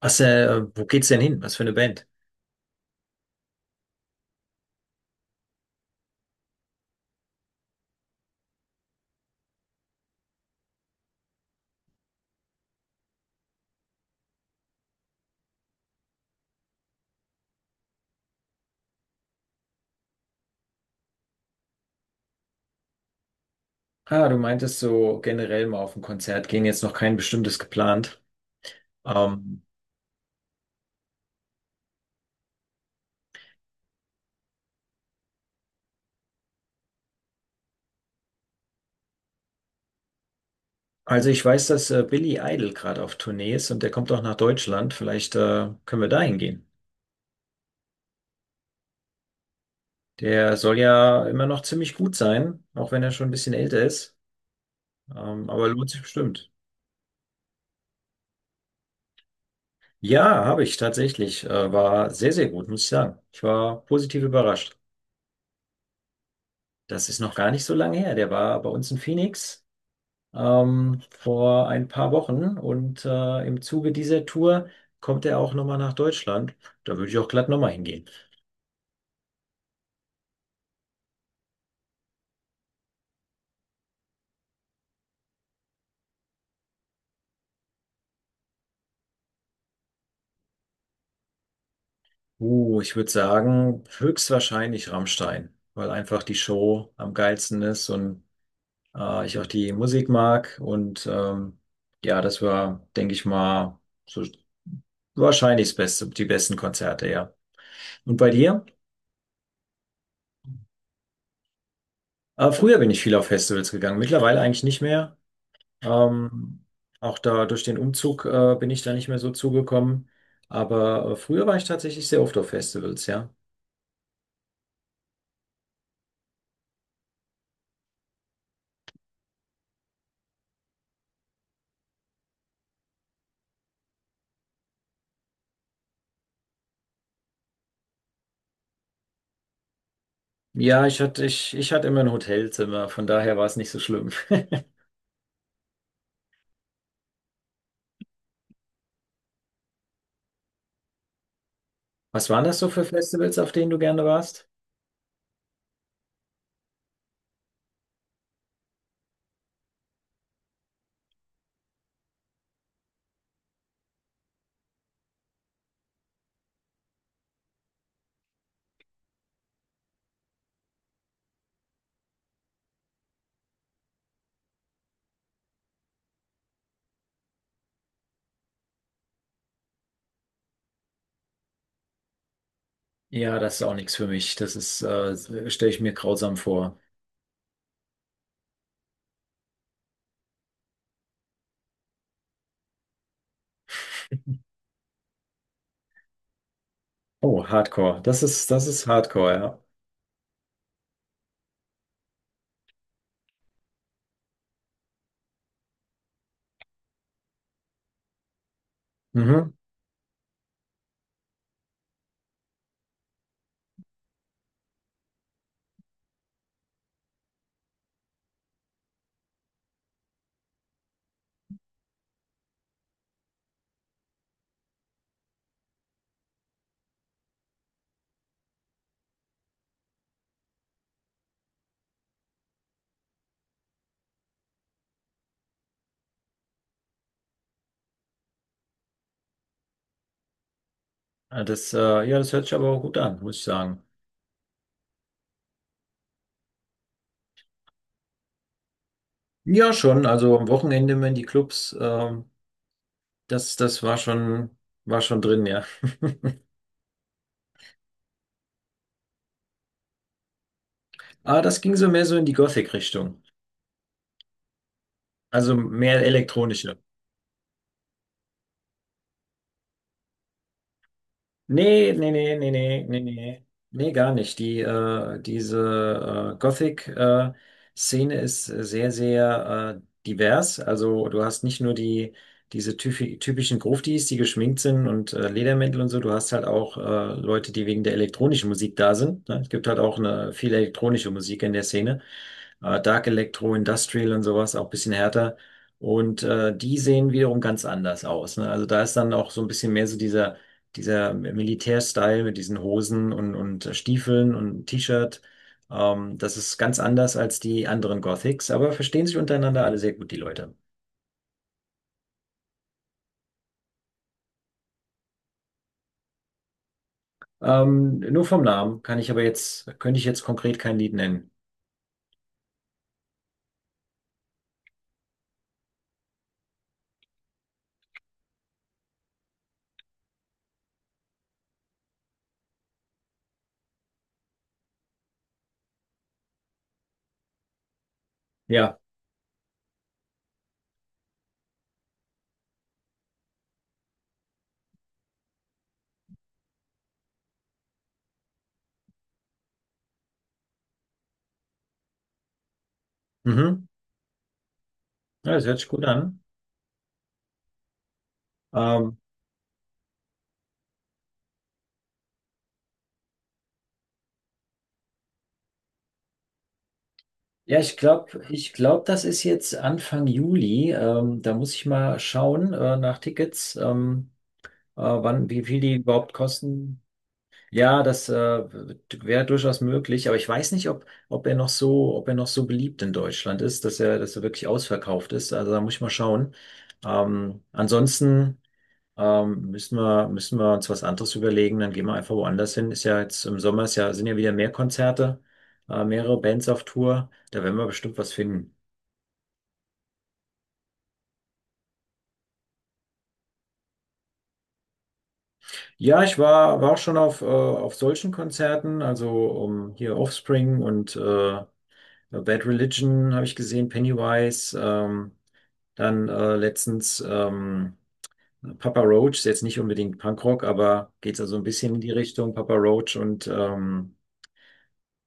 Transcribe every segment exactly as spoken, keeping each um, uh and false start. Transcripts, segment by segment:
Was, äh, wo geht's denn hin? Was für eine Band? Ah, du meintest so generell mal auf ein Konzert gehen, jetzt noch kein bestimmtes geplant. Ähm, also ich weiß, dass äh, Billy Idol gerade auf Tournee ist und der kommt auch nach Deutschland. Vielleicht äh, können wir da hingehen. Der soll ja immer noch ziemlich gut sein, auch wenn er schon ein bisschen älter ist. Ähm, aber lohnt sich bestimmt. Ja, habe ich tatsächlich. Äh, war sehr, sehr gut, muss ich sagen. Ich war positiv überrascht. Das ist noch gar nicht so lange her. Der war bei uns in Phoenix, ähm, vor ein paar Wochen, und äh, im Zuge dieser Tour kommt er auch nochmal nach Deutschland. Da würde ich auch glatt nochmal hingehen. Uh, ich würde sagen, höchstwahrscheinlich Rammstein, weil einfach die Show am geilsten ist und äh, ich auch die Musik mag, und ähm, ja, das war, denke ich mal, so wahrscheinlich das Beste, die besten Konzerte, ja. Und bei dir? Äh, früher bin ich viel auf Festivals gegangen, mittlerweile eigentlich nicht mehr. Ähm, auch da durch den Umzug äh, bin ich da nicht mehr so zugekommen. Aber äh, früher war ich tatsächlich sehr oft auf Festivals, ja. Ja, ich hatte, ich, ich hatte immer ein Hotelzimmer, von daher war es nicht so schlimm. Was waren das so für Festivals, auf denen du gerne warst? Ja, das ist auch nichts für mich. Das ist, äh, stelle ich mir grausam vor. Oh, Hardcore. Das ist, das ist Hardcore, ja. Mhm. Ah, Das, äh, ja, das hört sich aber auch gut an, muss ich sagen. Ja, schon. Also am Wochenende immer in die Clubs. ähm, Das, das war schon, war schon drin, ja. Aber das ging so mehr so in die Gothic-Richtung. Also mehr elektronische. Nee, nee, nee, nee, nee, nee, nee, nee, gar nicht. Die, äh, diese äh, Gothic-Szene ist sehr, sehr äh, divers. Also du hast nicht nur die, diese typi- typischen Gruftis, die geschminkt sind und äh, Ledermäntel und so, du hast halt auch äh, Leute, die wegen der elektronischen Musik da sind. Ne? Es gibt halt auch eine, viel elektronische Musik in der Szene. Äh, Dark Electro, Industrial und sowas, auch ein bisschen härter. Und äh, die sehen wiederum ganz anders aus. Ne? Also da ist dann auch so ein bisschen mehr so dieser dieser Militärstyle mit diesen Hosen und, und äh, Stiefeln und T-Shirt. Ähm, das ist ganz anders als die anderen Gothics, aber verstehen sich untereinander alle sehr gut, die Leute. Ähm, nur vom Namen kann ich aber jetzt, könnte ich jetzt konkret kein Lied nennen. Ja, mhm. Ja, das hört sich gut an. Ähm, ja, ich glaube, ich glaube, das ist jetzt Anfang Juli. Ähm, da muss ich mal schauen, äh, nach Tickets, ähm, äh, wann, wie viel die überhaupt kosten. Ja, das äh, Wäre durchaus möglich, aber ich weiß nicht, ob, ob er noch so, ob er noch so beliebt in Deutschland ist, dass er, dass er wirklich ausverkauft ist. Also da muss ich mal schauen. Ähm, ansonsten ähm, müssen wir, müssen wir uns was anderes überlegen. Dann gehen wir einfach woanders hin. Ist ja jetzt im Sommer ist ja, sind ja wieder mehr Konzerte, äh, mehrere Bands auf Tour. Da werden wir bestimmt was finden. Ja, ich war, war auch schon auf, äh, auf solchen Konzerten, also um, hier Offspring und äh, ja, Bad Religion habe ich gesehen, Pennywise, ähm, dann äh, letztens ähm, Papa Roach, ist jetzt nicht unbedingt Punkrock, aber geht so also ein bisschen in die Richtung Papa Roach. und ähm,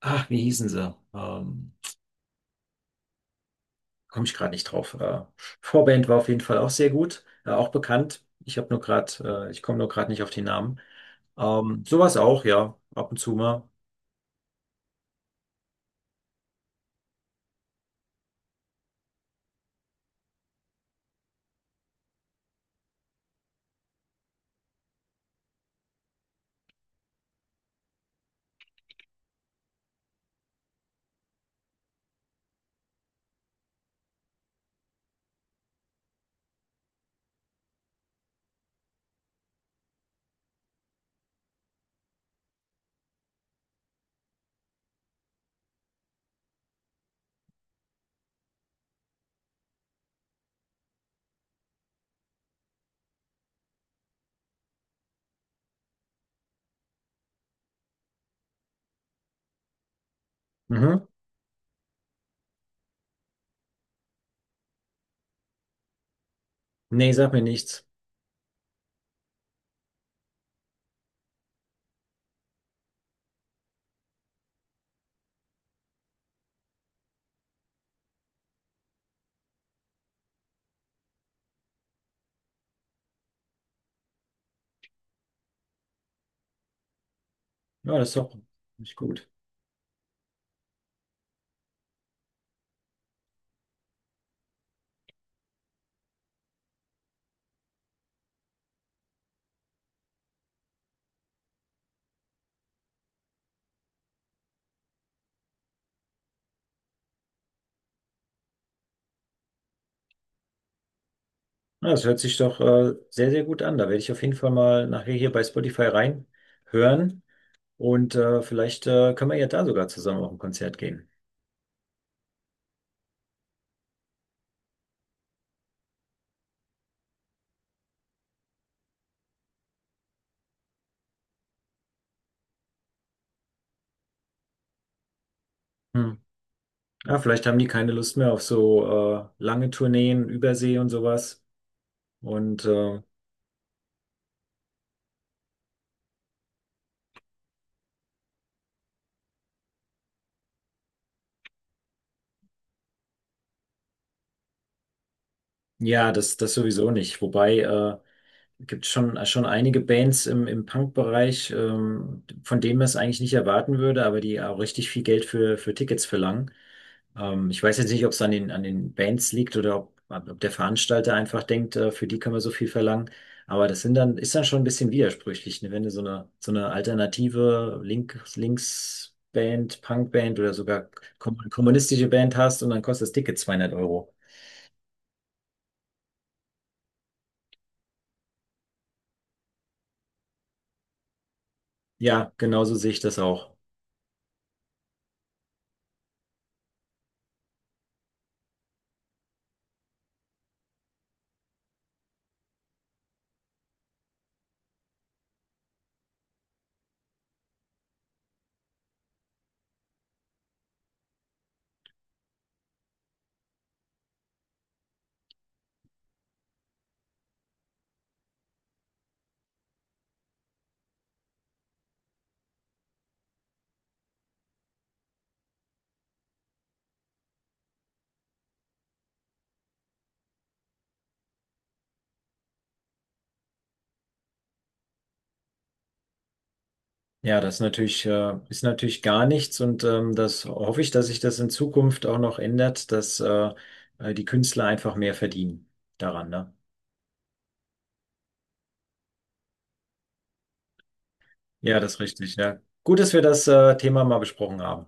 Ach, wie hießen sie? Ähm, Komme ich gerade nicht drauf. Äh, Vorband war auf jeden Fall auch sehr gut, äh, auch bekannt. Ich habe nur gerade, äh, ich komme nur gerade nicht auf die Namen. Ähm, sowas auch, ja, ab und zu mal. Mhm. Nee, sag mir nichts. Ja, das ist doch nicht gut. Na, Das hört sich doch äh, sehr, sehr gut an. Da werde ich auf jeden Fall mal nachher hier bei Spotify reinhören. Und äh, vielleicht äh, können wir ja da sogar zusammen auf ein Konzert gehen. Hm. Ja, vielleicht haben die keine Lust mehr auf so äh, lange Tourneen, Übersee und sowas. Und äh, ja, das, das sowieso nicht. Wobei äh, gibt schon, schon einige Bands im, im Punk-Bereich, ähm, von denen man es eigentlich nicht erwarten würde, aber die auch richtig viel Geld für, für Tickets verlangen. Ähm, ich weiß jetzt nicht, ob es an den, an den Bands liegt oder ob, ob der Veranstalter einfach denkt, äh, für die kann man so viel verlangen. Aber das sind dann, ist dann schon ein bisschen widersprüchlich, ne? Wenn du so eine, so eine alternative Link, Linksband, Punkband oder sogar kom- kommunistische Band hast und dann kostet das Ticket zweihundert Euro. Ja, genauso sehe ich das auch. Ja, das ist natürlich, äh, ist natürlich gar nichts, und ähm, das hoffe ich, dass sich das in Zukunft auch noch ändert, dass äh, äh, die Künstler einfach mehr verdienen daran, ne? Ja, das ist richtig, ja. Gut, dass wir das äh, Thema mal besprochen haben.